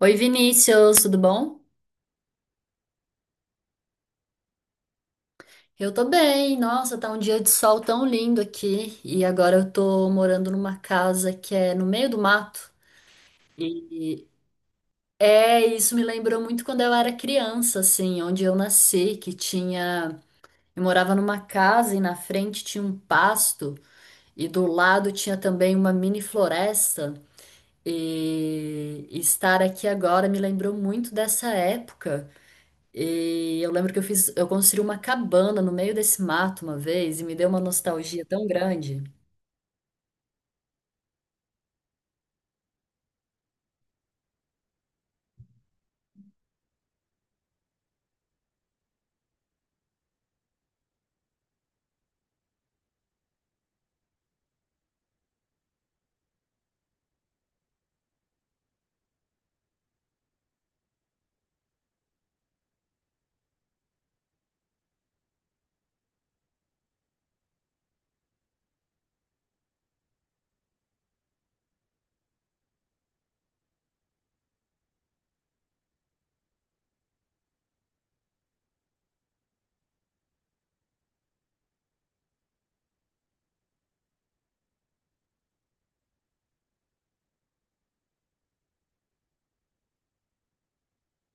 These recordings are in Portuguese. Oi, Vinícius, tudo bom? Eu tô bem. Nossa, tá um dia de sol tão lindo aqui. E agora eu tô morando numa casa que é no meio do mato. E isso me lembrou muito quando eu era criança, assim, onde eu nasci, que tinha. Eu morava numa casa e na frente tinha um pasto, e do lado tinha também uma mini floresta. E estar aqui agora me lembrou muito dessa época. E eu lembro que eu construí uma cabana no meio desse mato uma vez e me deu uma nostalgia tão grande.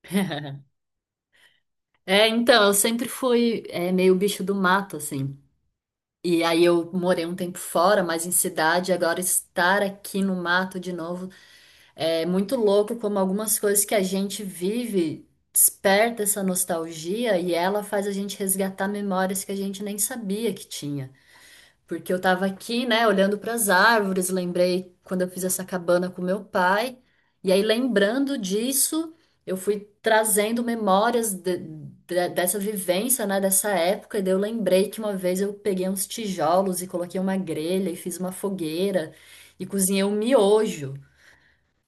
É, então, eu sempre fui, meio bicho do mato, assim. E aí eu morei um tempo fora, mas em cidade. Agora estar aqui no mato de novo é muito louco como algumas coisas que a gente vive desperta essa nostalgia, e ela faz a gente resgatar memórias que a gente nem sabia que tinha. Porque eu tava aqui, né, olhando para as árvores, lembrei quando eu fiz essa cabana com meu pai. E aí, lembrando disso, eu fui trazendo memórias dessa vivência, né, dessa época. E daí eu lembrei que uma vez eu peguei uns tijolos e coloquei uma grelha e fiz uma fogueira e cozinhei um miojo.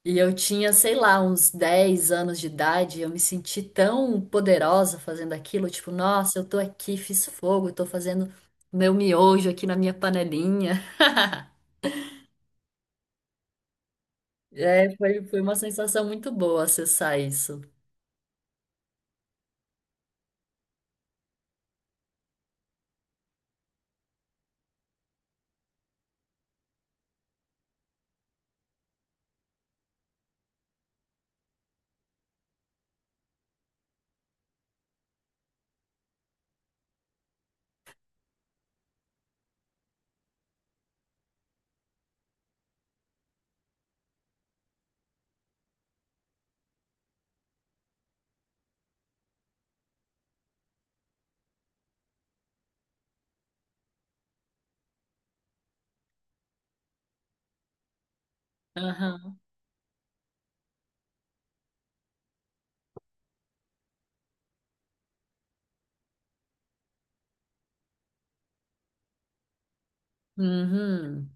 E eu tinha, sei lá, uns 10 anos de idade. Eu me senti tão poderosa fazendo aquilo, tipo, nossa, eu tô aqui, fiz fogo, tô fazendo meu miojo aqui na minha panelinha. É, foi uma sensação muito boa acessar isso. Aham. Uhum.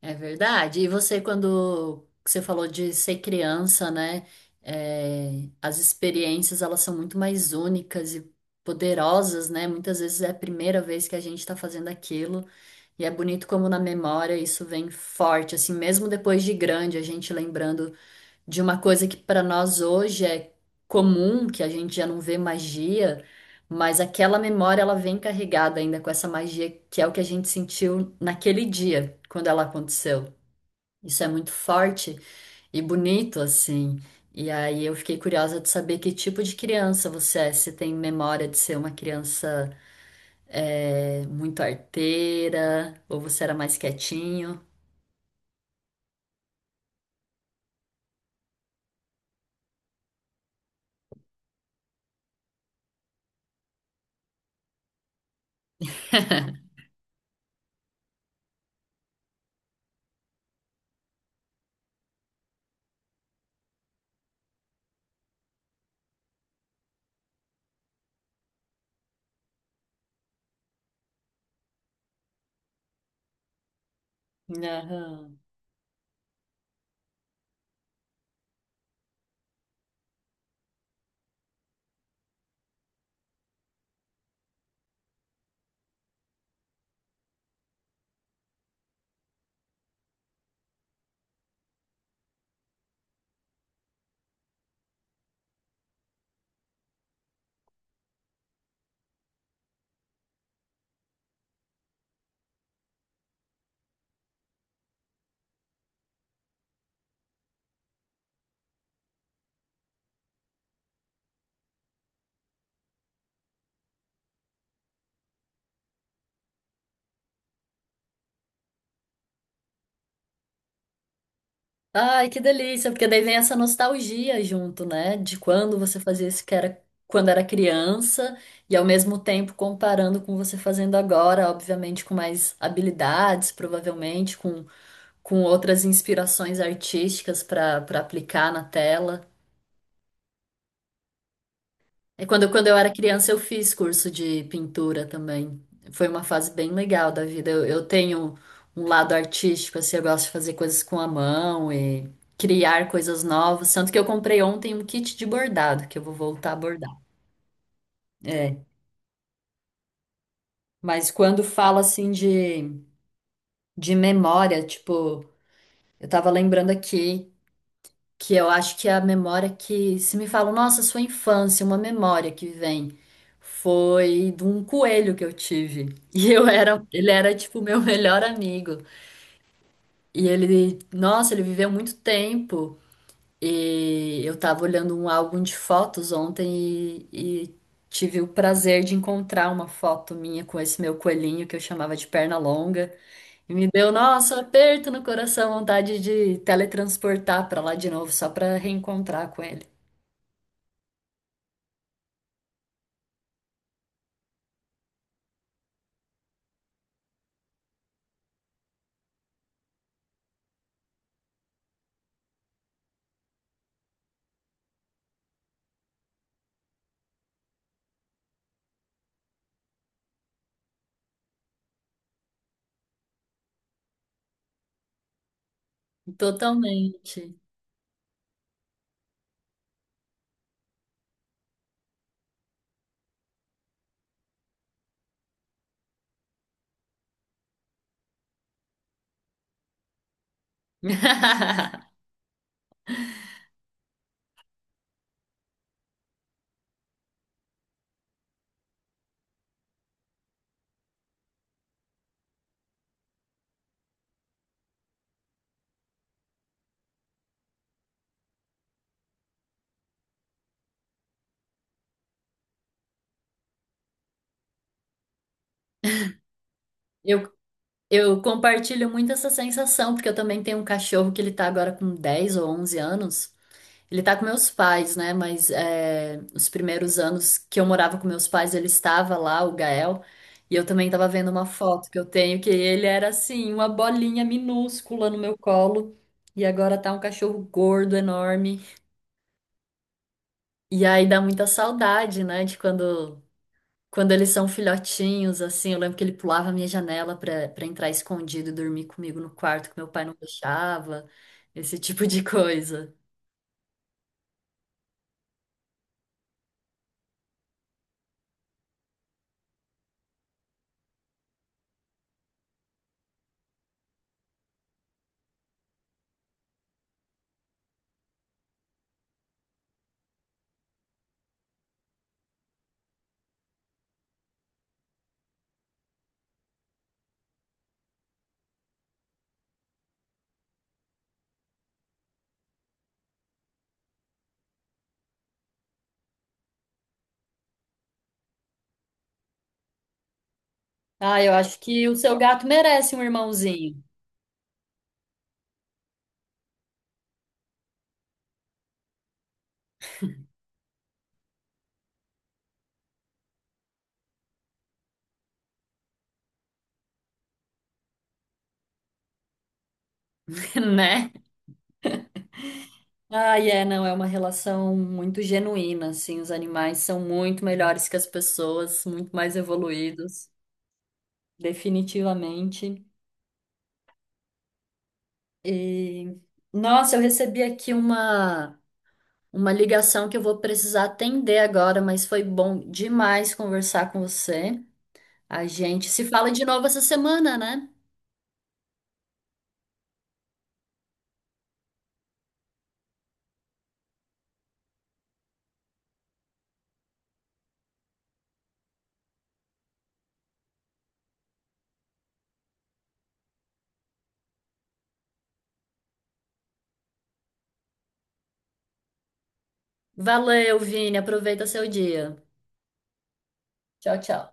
É verdade. E você, quando você falou de ser criança, né? As experiências, elas são muito mais únicas e poderosas, né? Muitas vezes é a primeira vez que a gente está fazendo aquilo. E é bonito como na memória isso vem forte, assim, mesmo depois de grande, a gente lembrando de uma coisa que para nós hoje é comum, que a gente já não vê magia, mas aquela memória, ela vem carregada ainda com essa magia, que é o que a gente sentiu naquele dia, quando ela aconteceu. Isso é muito forte e bonito assim. E aí eu fiquei curiosa de saber que tipo de criança você é. Você tem memória de ser uma criança muito arteira, ou você era mais quietinho? Aham. Ai, que delícia, porque daí vem essa nostalgia junto, né? De quando você fazia isso, que era quando era criança, e ao mesmo tempo comparando com você fazendo agora, obviamente com mais habilidades, provavelmente com outras inspirações artísticas para aplicar na tela. É, quando, quando eu era criança, eu fiz curso de pintura também. Foi uma fase bem legal da vida. Eu tenho um lado artístico, assim. Eu gosto de fazer coisas com a mão e criar coisas novas. Tanto que eu comprei ontem um kit de bordado, que eu vou voltar a bordar. É. Mas quando fala assim de memória, tipo, eu tava lembrando aqui. Que eu acho que é a memória que, se me falam, nossa, sua infância, uma memória que vem, foi de um coelho que eu tive. E eu era, ele era tipo meu melhor amigo. E ele, nossa, ele viveu muito tempo. E eu estava olhando um álbum de fotos ontem e tive o prazer de encontrar uma foto minha com esse meu coelhinho, que eu chamava de perna longa. E me deu, nossa, um aperto no coração, vontade de teletransportar para lá de novo, só para reencontrar com ele. Totalmente. Eu, eu compartilho muito essa sensação, porque eu também tenho um cachorro que ele tá agora com 10 ou 11 anos. Ele tá com meus pais, né? Mas é, os primeiros anos que eu morava com meus pais, ele estava lá, o Gael. E eu também tava vendo uma foto que eu tenho, que ele era assim, uma bolinha minúscula no meu colo. E agora tá um cachorro gordo, enorme. E aí dá muita saudade, né? De quando, quando eles são filhotinhos, assim. Eu lembro que ele pulava a minha janela pra entrar escondido e dormir comigo no quarto, que meu pai não deixava. Esse tipo de coisa. Ah, eu acho que o seu gato merece um irmãozinho. Né? Ai, é, não, é uma relação muito genuína, assim. Os animais são muito melhores que as pessoas, muito mais evoluídos, definitivamente. E, nossa, eu recebi aqui uma ligação que eu vou precisar atender agora, mas foi bom demais conversar com você. A gente se fala de novo essa semana, né? Valeu, Vini, aproveita seu dia. Tchau, tchau.